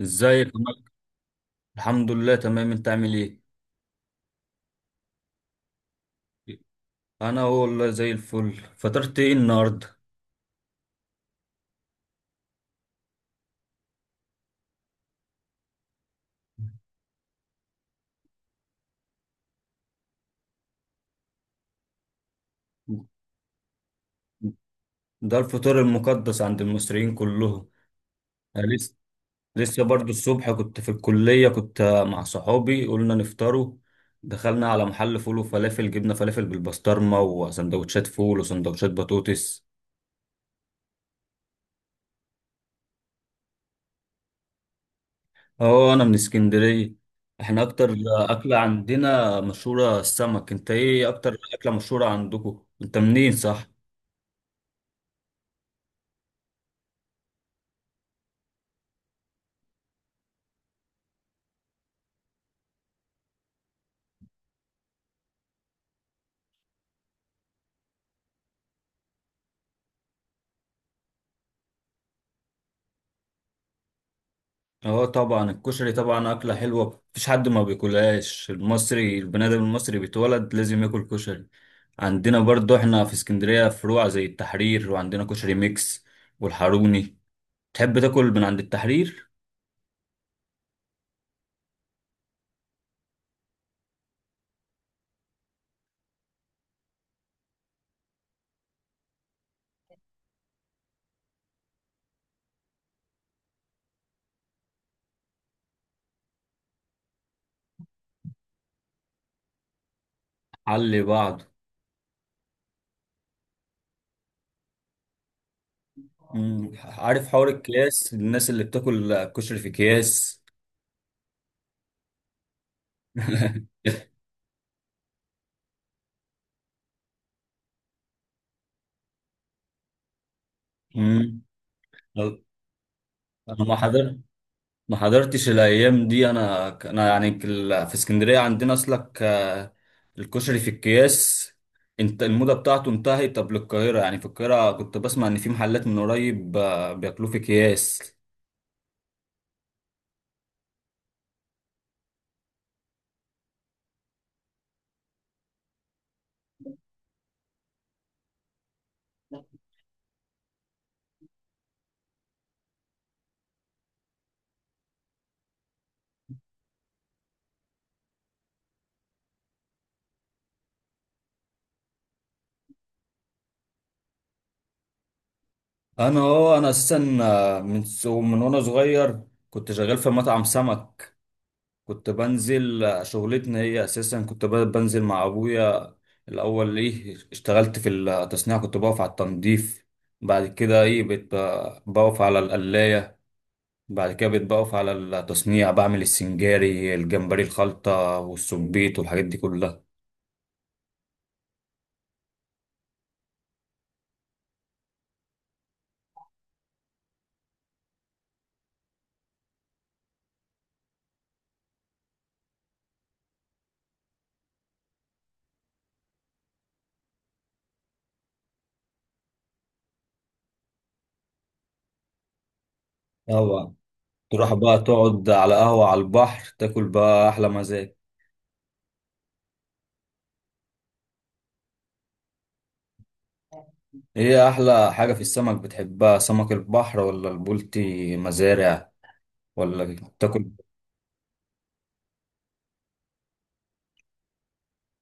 ازيك؟ الحمد لله، تمام. انت عامل ايه؟ انا هو والله زي الفل. فطرت ايه النهارده؟ ده الفطار المقدس عند المصريين كلهم. انا لسه برضو الصبح كنت في الكليه، كنت مع صحابي قلنا نفطروا. دخلنا على محل فول وفلافل، جبنا فلافل بالبسطرمه وسندوتشات فول وسندوتشات بطاطس. اه، انا من اسكندريه. احنا اكتر اكله عندنا مشهوره السمك. انت ايه اكتر اكله مشهوره عندكم؟ انت منين؟ صح. اه طبعا، الكشري طبعا اكله حلوه، مفيش حد ما بياكلهاش. المصري، البني ادم المصري بيتولد لازم ياكل كشري. عندنا برضو احنا في اسكندريه فروع زي التحرير، وعندنا كشري ميكس والحاروني. تحب تاكل من عند التحرير؟ حل بعض. عارف حوار الكياس، الناس اللي بتاكل كشري في اكياس؟ مم. انا ما حضرتش الايام دي. انا يعني في اسكندريه عندنا، اصلك الكشري في الأكياس انت الموضة بتاعته انتهت. طب للقاهرة، يعني في القاهرة كنت بسمع ان في محلات من قريب بياكلوه في أكياس. انا اساسا من وانا صغير كنت شغال في مطعم سمك. كنت بنزل، شغلتنا هي اساسا، كنت بنزل مع ابويا. الاول ايه اشتغلت في التصنيع، كنت بقف على التنظيف. بعد كده ايه بقيت بقف على القلاية. بعد كده بيتبقف على التصنيع، بعمل السنجاري، الجمبري، الخلطة والسبيط والحاجات دي كلها. طبعا. تروح بقى تقعد على قهوة على البحر تاكل بقى أحلى مزاج. إيه أحلى حاجة في السمك بتحبها؟ سمك البحر ولا البولتي مزارع؟ ولا تاكل؟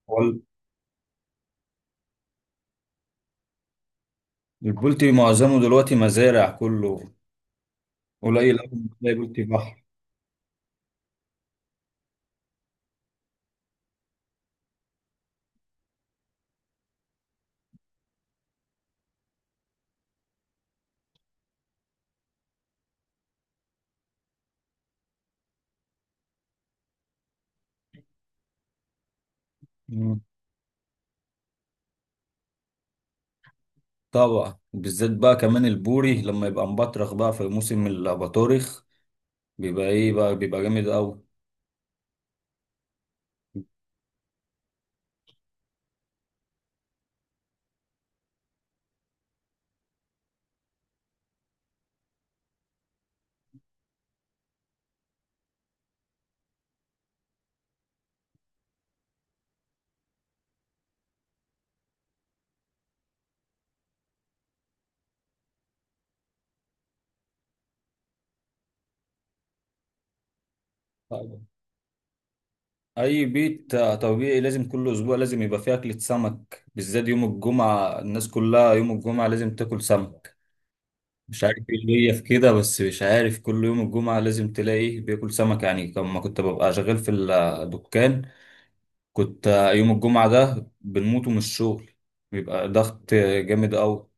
ولا البولتي معظمه دلوقتي مزارع كله، قليل أوي ما تلاقي بولتي بحر. مم. طبعا، بالذات بقى كمان البوري لما يبقى مبطرخ بقى في موسم الأباطورخ بيبقى إيه بقى، بيبقى جامد أوي. اي بيت طبيعي لازم كل اسبوع لازم يبقى فيه اكلة سمك، بالذات يوم الجمعة. الناس كلها يوم الجمعة لازم تاكل سمك، مش عارف ايه اللي هي في كده، بس مش عارف كل يوم الجمعة لازم تلاقي بياكل سمك. يعني لما كنت ببقى شغال في الدكان، كنت يوم الجمعة ده بنموت من الشغل، بيبقى ضغط جامد قوي.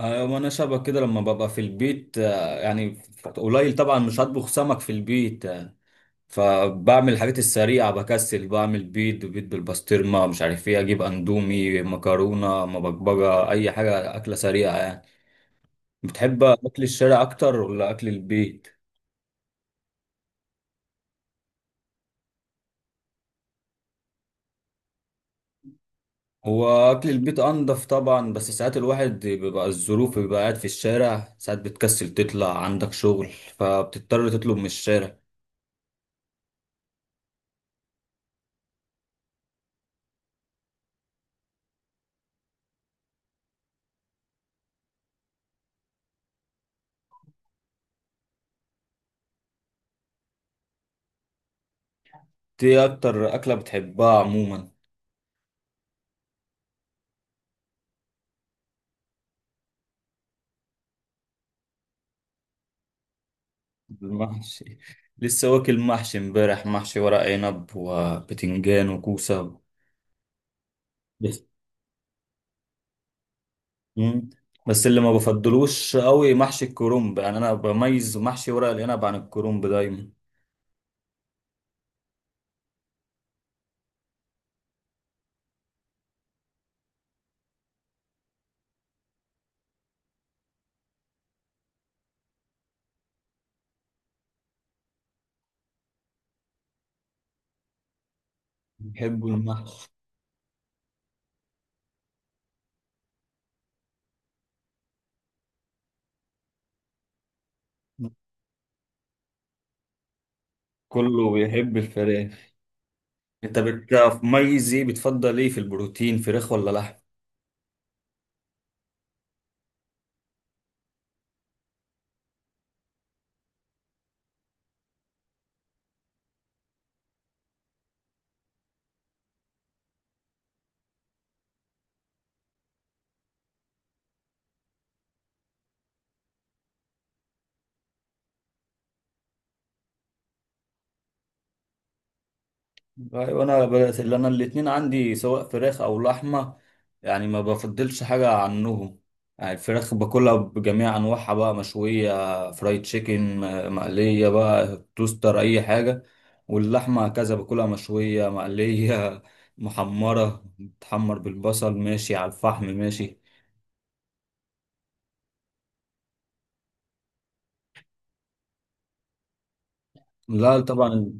ايوه، ما انا شبه كده لما ببقى في البيت يعني قليل طبعا، مش هطبخ سمك في البيت، فبعمل الحاجات السريعة بكسل، بعمل بيض، بيض بالبسطرمة، مش عارف ايه، اجيب اندومي، مكرونة مبكبجة، اي حاجة اكلة سريعة يعني. بتحب اكل الشارع اكتر ولا اكل البيت؟ هو اكل البيت انضف طبعا، بس ساعات الواحد بيبقى الظروف، بيبقى قاعد في الشارع، ساعات بتكسل تطلع عندك شغل فبتضطر تطلب من الشارع. ايه اكتر اكلة بتحبها عموما؟ المحشي. لسه واكل محشي امبارح، محشي ورق عنب وبتنجان وكوسة. مم. بس اللي ما بفضلوش قوي محشي الكرنب، يعني انا بميز محشي ورق العنب عن الكرنب دايما. بيحبوا المحشي. كله بيحب الفراخ. انت بتميز ايه؟ بتفضل ايه في البروتين، فراخ ولا لحم؟ ايوه، انا بدات اللي انا الاتنين عندي سواء فراخ او لحمه، يعني ما بفضلش حاجه عنهم. يعني الفراخ باكلها بجميع انواعها بقى، مشويه، فرايد تشيكن، مقليه بقى، توستر، اي حاجه. واللحمه كذا باكلها مشويه، مقليه، محمره، بتحمر بالبصل، ماشي، على الفحم، ماشي. لا طبعا،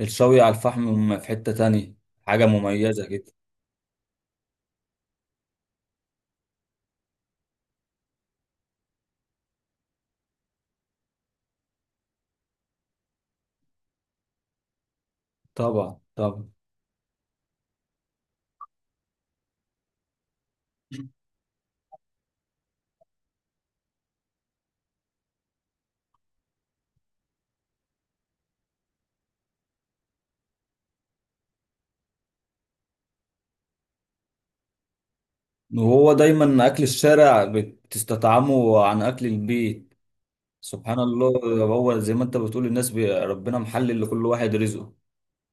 الشوي على الفحم في حته تانية، حاجه مميزه كده. طبعا طبعا. وهو دايما اكل الشارع بتستطعمه عن اكل البيت، سبحان الله. هو زي ما انت بتقول، الناس ربنا محلل لكل واحد رزقه.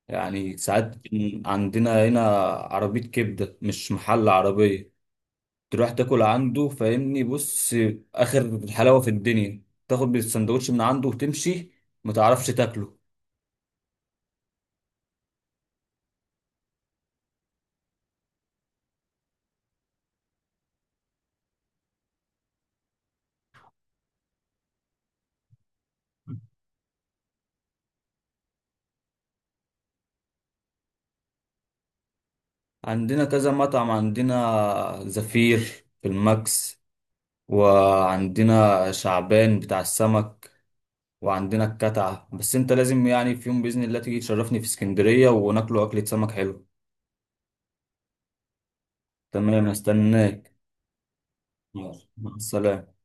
يعني ساعات عندنا هنا عربية كبدة، مش محل، عربية، تروح تاكل عنده فاهمني، بص، اخر الحلاوة في الدنيا، تاخد بالسندوتش من عنده وتمشي ما تعرفش تاكله. عندنا كذا مطعم، عندنا زفير في الماكس، وعندنا شعبان بتاع السمك، وعندنا الكتعة، بس انت لازم يعني في يوم بإذن الله تيجي تشرفني في اسكندرية وناكلوا أكلة سمك حلو. تمام، استناك. مع السلامة.